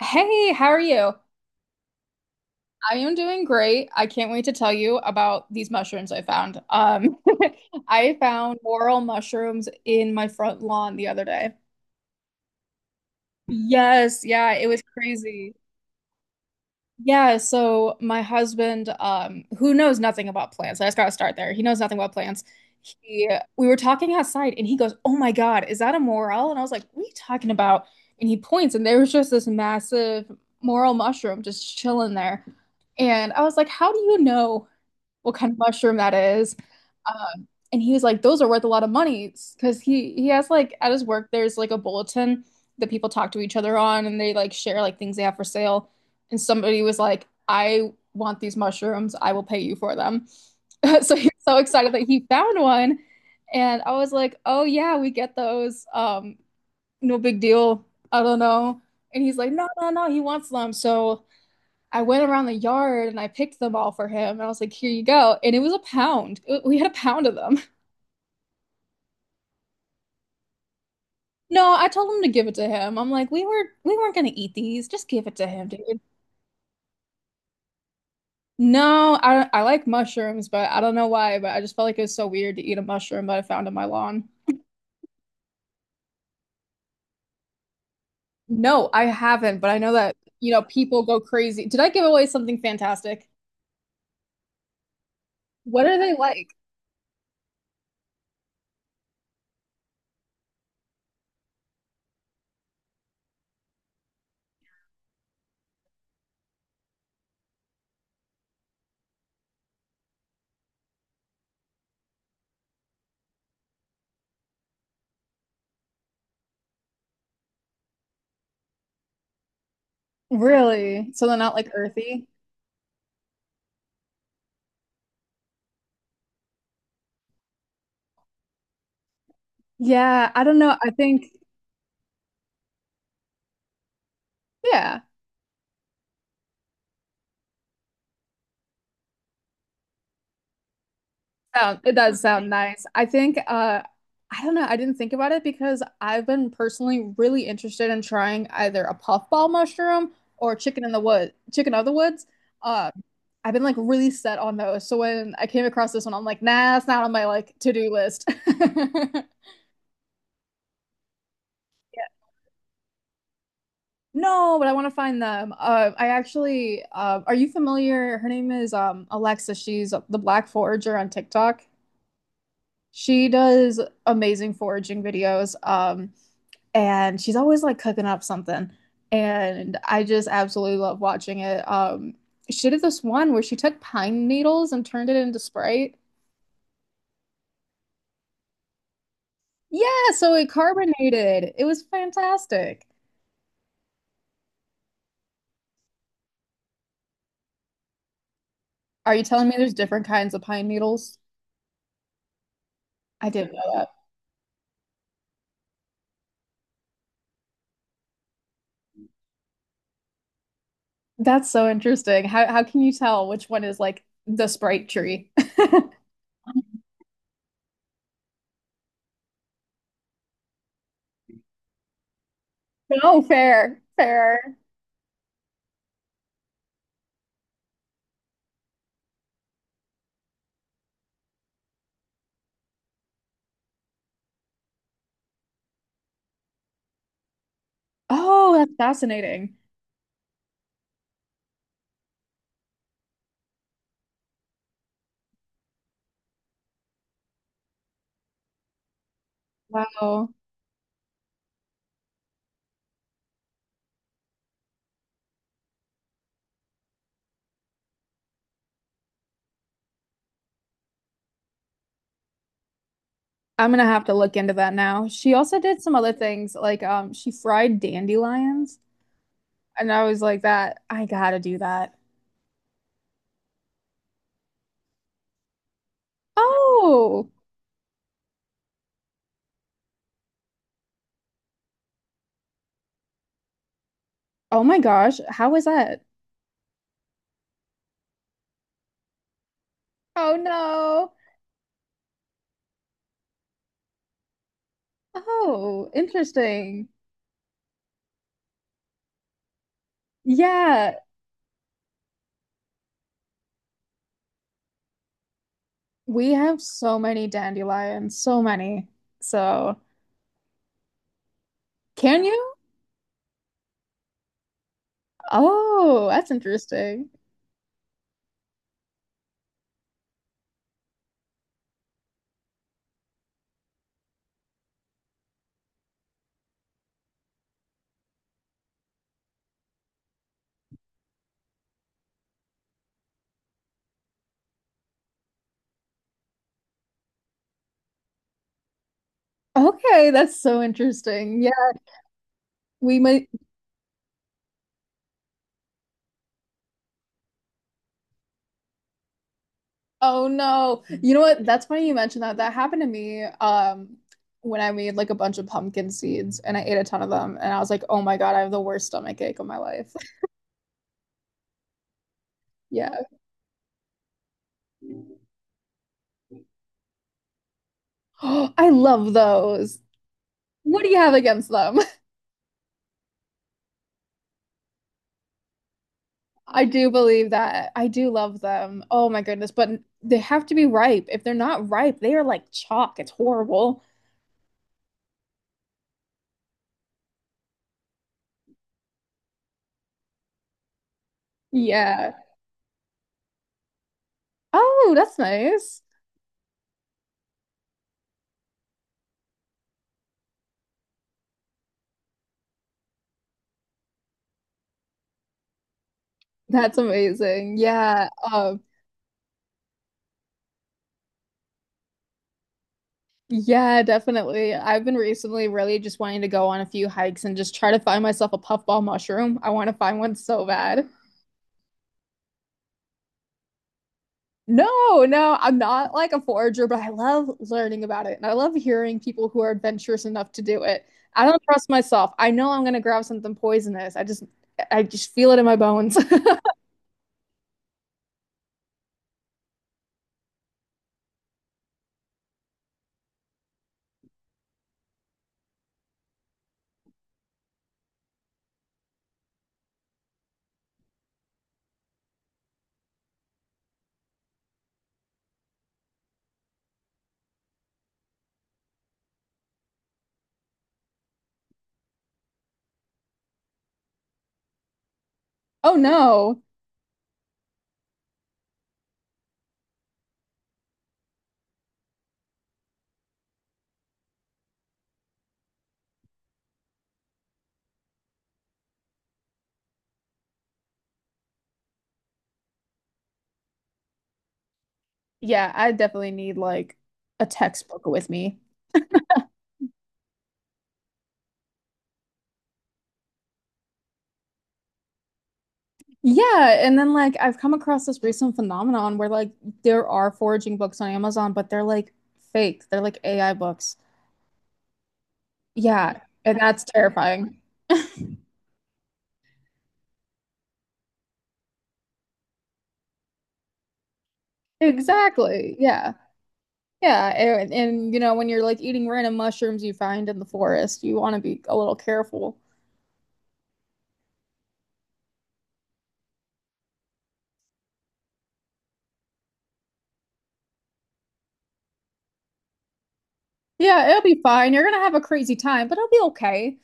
Hey, how are you? I am doing great. I can't wait to tell you about these mushrooms I found. I found morel mushrooms in my front lawn the other day. Yes, yeah, it was crazy. Yeah, so my husband, who knows nothing about plants, I just gotta start there. He knows nothing about plants. He, we were talking outside, and he goes, "Oh my God, is that a morel?" And I was like, "What are you talking about?" And he points, and there was just this massive morel mushroom just chilling there. And I was like, "How do you know what kind of mushroom that is?" And he was like, those are worth a lot of money because he has like at his work there's like a bulletin that people talk to each other on and they like share like things they have for sale. And somebody was like, I want these mushrooms. I will pay you for them. So he was so excited that he found one. And I was like, oh yeah, we get those. No big deal. I don't know. And he's like, no, no, no, he wants them. So I went around the yard and I picked them all for him. And I was like, here you go. And it was a pound. We had a pound of them. No, I told him to give it to him. I'm like, we weren't gonna eat these. Just give it to him, dude. No, I like mushrooms, but I don't know why, but I just felt like it was so weird to eat a mushroom that I found in my lawn. No, I haven't, but I know that, you know, people go crazy. Did I give away something fantastic? What are they like? Really? So they're not like earthy? Yeah, I don't know. I think, yeah. Sound it does sound nice. I think I don't know, I didn't think about it because I've been personally really interested in trying either a puffball mushroom or chicken in the wood, chicken of the woods. Uh I've been like really set on those. So when I came across this one, I'm like, nah, that's not on my like to-do list. No, but I want to find them. I actually, are you familiar? Her name is Alexa. She's the Black Forager on TikTok. She does amazing foraging videos. And she's always like cooking up something. And I just absolutely love watching it. She did this one where she took pine needles and turned it into Sprite. Yeah, so it carbonated. It was fantastic. Are you telling me there's different kinds of pine needles? I didn't know that. That's so interesting. How can you tell which one is like the Sprite tree? Oh, fair, fair. Oh, that's fascinating. Wow. I'm gonna have to look into that now. She also did some other things, like she fried dandelions, and I was like, that I gotta do that. Oh, oh my gosh, how was that? Oh no. Oh, interesting. Yeah, we have so many dandelions, so many. So, can you? Oh, that's interesting. Okay, that's so interesting. Yeah, we might. Oh no. You know what? That's funny you mentioned that. That happened to me when I made like a bunch of pumpkin seeds and I ate a ton of them and I was like, "Oh my God, I have the worst stomach ache of my life." Yeah. I love those. What do you have against them? I do believe that. I do love them. Oh my goodness, but they have to be ripe. If they're not ripe, they are like chalk. It's horrible. Yeah. Oh, that's nice. That's amazing. Yeah. Yeah, definitely. I've been recently really just wanting to go on a few hikes and just try to find myself a puffball mushroom. I want to find one so bad. No, no, I'm not like a forager, but I love learning about it and I love hearing people who are adventurous enough to do it. I don't trust myself. I know I'm gonna grab something poisonous. I just feel it in my bones. Oh no. Yeah, I definitely need like a textbook with me. Yeah, and then like I've come across this recent phenomenon where like there are foraging books on Amazon, but they're like fake. They're like AI books. Yeah, and that's terrifying. Exactly. Yeah. Yeah, and you know when you're like eating random mushrooms you find in the forest, you want to be a little careful. Yeah, it'll be fine. You're gonna have a crazy time, but it'll be okay.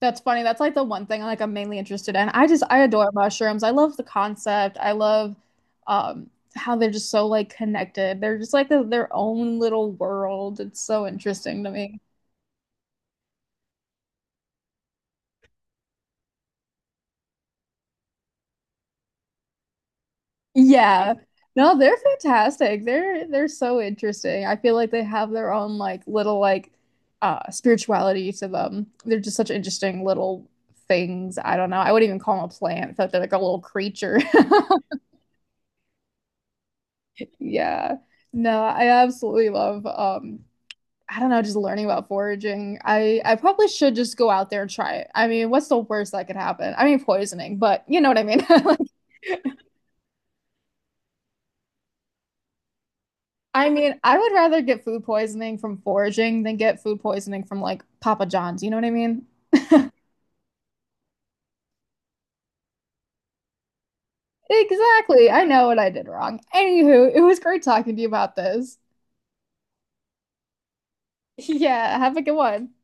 That's funny. That's like the one thing like I'm mainly interested in. I adore mushrooms. I love the concept. I love um how they're just so like connected. They're just like their own little world. It's so interesting to me. Yeah. No, they're fantastic. They're so interesting. I feel like they have their own like little like spirituality to them. They're just such interesting little things. I don't know. I wouldn't even call them a plant. I feel like they're like a little creature. Yeah. No, I absolutely love I don't know, just learning about foraging. I probably should just go out there and try it. I mean, what's the worst that could happen? I mean, poisoning, but you know what I mean? Like, I mean, I would rather get food poisoning from foraging than get food poisoning from like Papa John's. You know what I mean? Exactly. I know what I did wrong. Anywho, it was great talking to you about this. Yeah, have a good one.